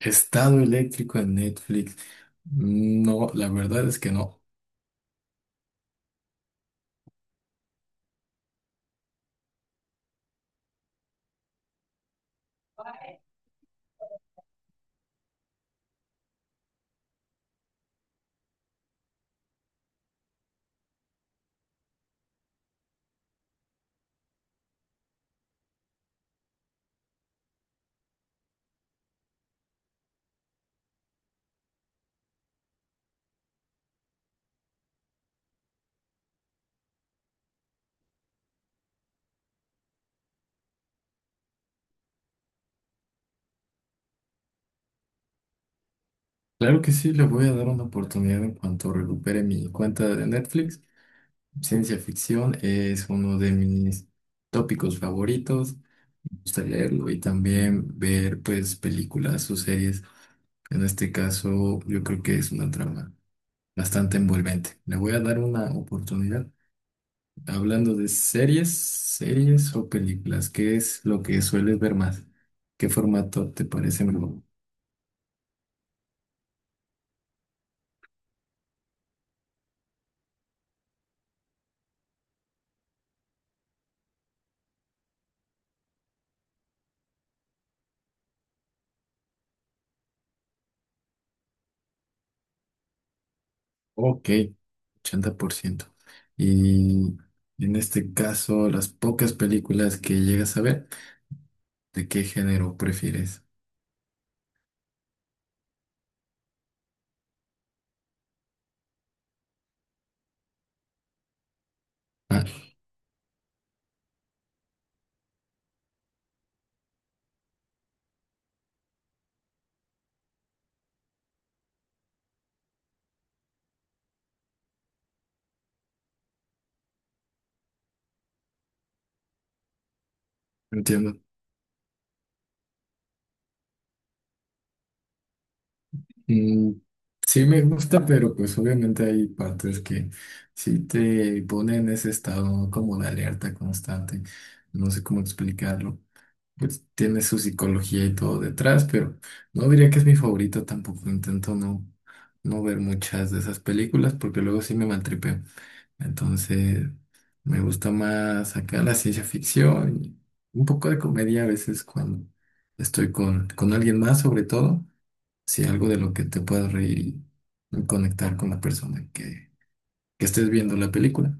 Estado eléctrico en Netflix. No, la verdad es que no. Claro que sí, le voy a dar una oportunidad en cuanto recupere mi cuenta de Netflix. Ciencia ficción es uno de mis tópicos favoritos. Me gusta leerlo y también ver pues películas o series. En este caso, yo creo que es una trama bastante envolvente. Le voy a dar una oportunidad. Hablando de series, series o películas, ¿qué es lo que sueles ver más? ¿Qué formato te parece mejor? Ok, 80%. Y en este caso, las pocas películas que llegas a ver, ¿de qué género prefieres? Ah, entiendo. Mm, sí me gusta, pero pues obviamente hay partes que sí te ponen en ese estado como de alerta constante. No sé cómo explicarlo. Pues tiene su psicología y todo detrás, pero no diría que es mi favorito tampoco. Intento no, ver muchas de esas películas porque luego sí me maltripeo. Entonces, me gusta más acá la ciencia ficción y un poco de comedia a veces cuando estoy con alguien más, sobre todo, si algo de lo que te puedas reír y conectar con la persona que estés viendo la película.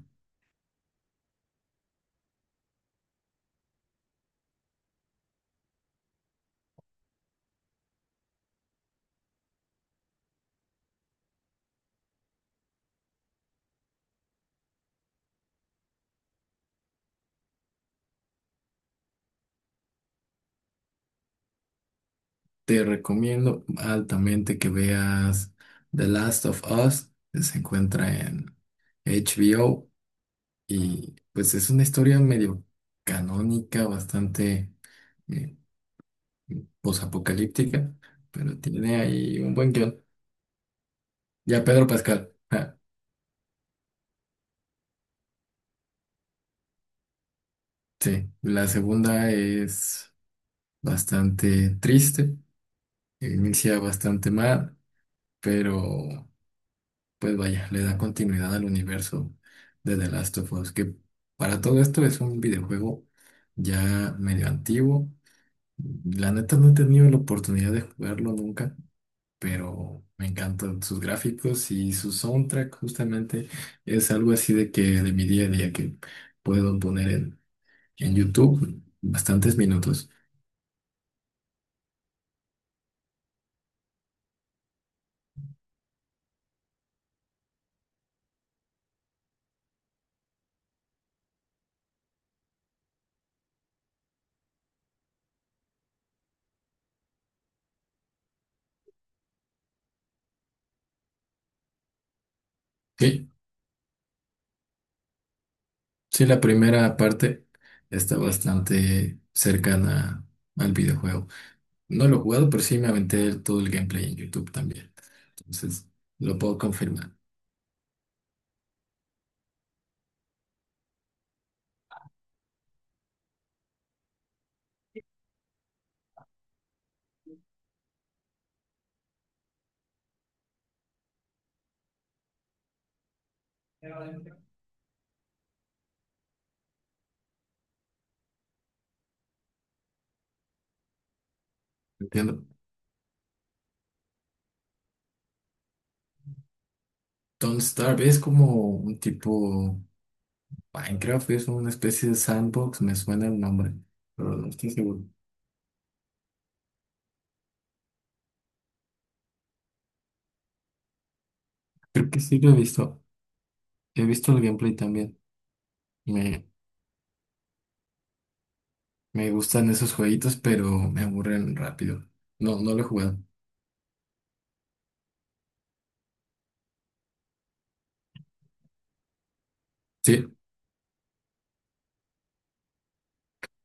Te recomiendo altamente que veas The Last of Us, que se encuentra en HBO y pues es una historia medio canónica, bastante eh, posapocalíptica, pero tiene ahí un buen guión. Ya Pedro Pascal. Sí, la segunda es bastante triste, inicia bastante mal, pero pues vaya, le da continuidad al universo de The Last of Us, que para todo esto es un videojuego ya medio antiguo. La neta no he tenido la oportunidad de jugarlo nunca, pero me encantan sus gráficos y su soundtrack justamente es algo así de que de mi día a día que puedo poner en YouTube bastantes minutos. Sí, sí, la primera parte está bastante cercana al videojuego. No lo he jugado, pero sí me aventé todo el gameplay en YouTube también. Entonces, lo puedo confirmar. Entiendo. Don't Starve es como un tipo Minecraft, es una especie de sandbox, me suena el nombre, pero no estoy seguro. Creo que sí lo he visto. He visto el gameplay también. Me, me gustan esos jueguitos, pero me aburren rápido. No, no lo he jugado. Sí,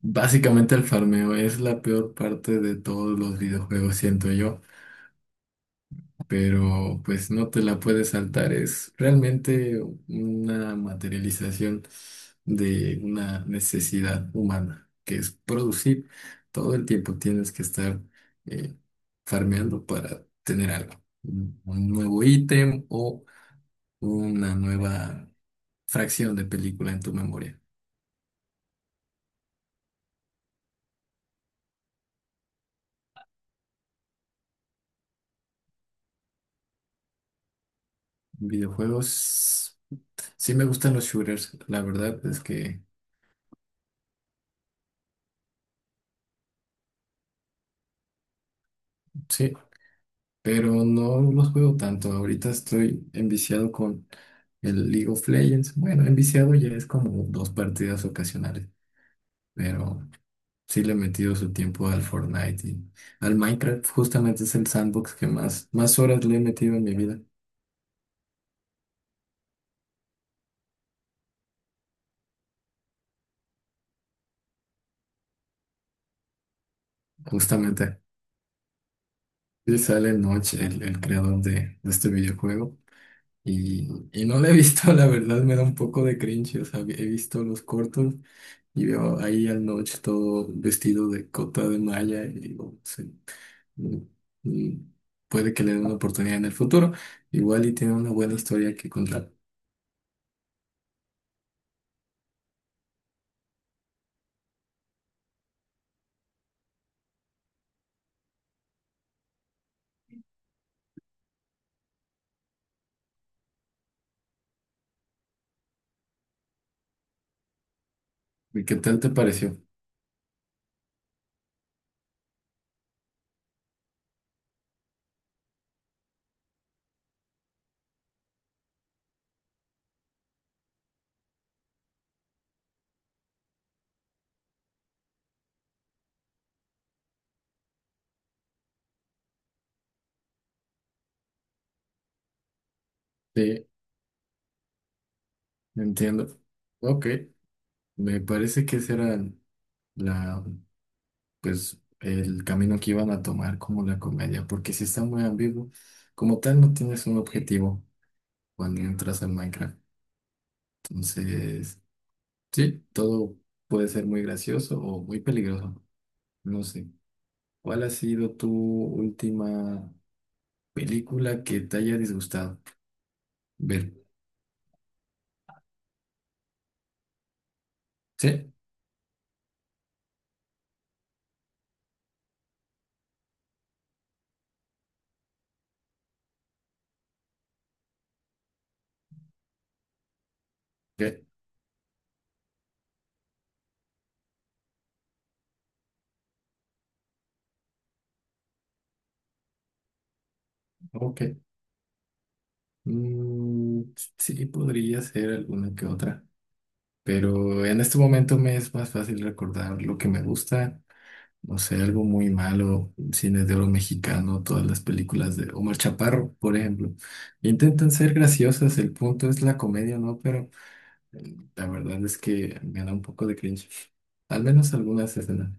básicamente el farmeo es la peor parte de todos los videojuegos, siento yo. Pero pues no te la puedes saltar. Es realmente una materialización de una necesidad humana, que es producir. Todo el tiempo tienes que estar eh, farmeando para tener algo, un nuevo ítem o una nueva fracción de película en tu memoria. Videojuegos, sí me gustan los shooters, la verdad es que sí. Pero no los juego tanto. Ahorita estoy enviciado con el League of Legends. Bueno, enviciado ya es como dos partidas ocasionales, pero sí le he metido su tiempo al Fortnite y al Minecraft. Justamente es el sandbox que más horas le he metido en mi vida. Justamente. Sí sale Notch, el creador de este videojuego. Y no lo he visto, la verdad me da un poco de cringe. O sea, he visto los cortos y veo ahí al Notch todo vestido de cota de malla y digo, sí. mm, mm, Puede que le den una oportunidad en el futuro. Igual y tiene una buena historia que contar. ¿Y qué tal te pareció? Sí, entiendo. Ok, me parece que ese era la, pues, el camino que iban a tomar como la comedia, porque si está muy ambiguo, como tal no tienes un objetivo cuando entras al Minecraft. Entonces, sí, todo puede ser muy gracioso o muy peligroso. No sé. ¿Cuál ha sido tu última? Película que te haya disgustado. Ver. Sí. Ok. Ok. Mm, sí, podría ser alguna que otra. Pero en este momento me es más fácil recordar lo que me gusta. No sé, algo muy malo, cine de oro mexicano, todas las películas de Omar Chaparro, por ejemplo. Intentan ser graciosas, el punto es la comedia, ¿no? Pero la verdad es que me da un poco de cringe. Al menos algunas escenas.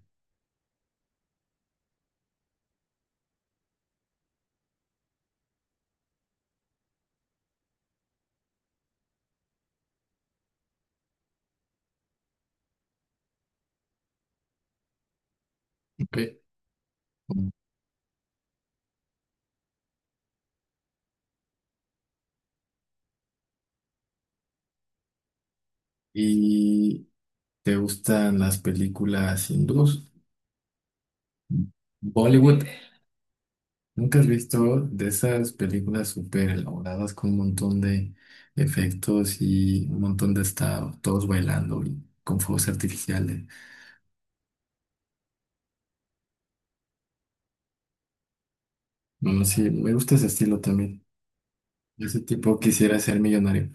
Ok. Y ¿te gustan las películas hindús? Bollywood. ¿Nunca has visto de esas películas súper elaboradas con un montón de efectos y un montón de estados, todos bailando y con fuegos artificiales? No, no, sí, me gusta ese estilo también. Ese tipo quisiera ser millonario.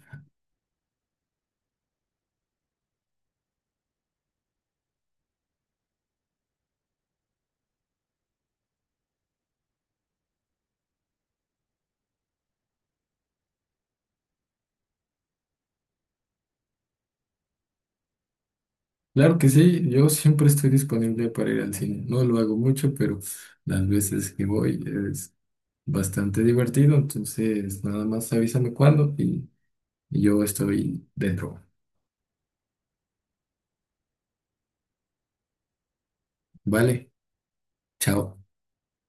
Claro que sí, yo siempre estoy disponible para ir al cine. No lo hago mucho, pero las veces que voy es bastante divertido. Entonces, nada más avísame cuándo y yo estoy dentro. Vale, chao.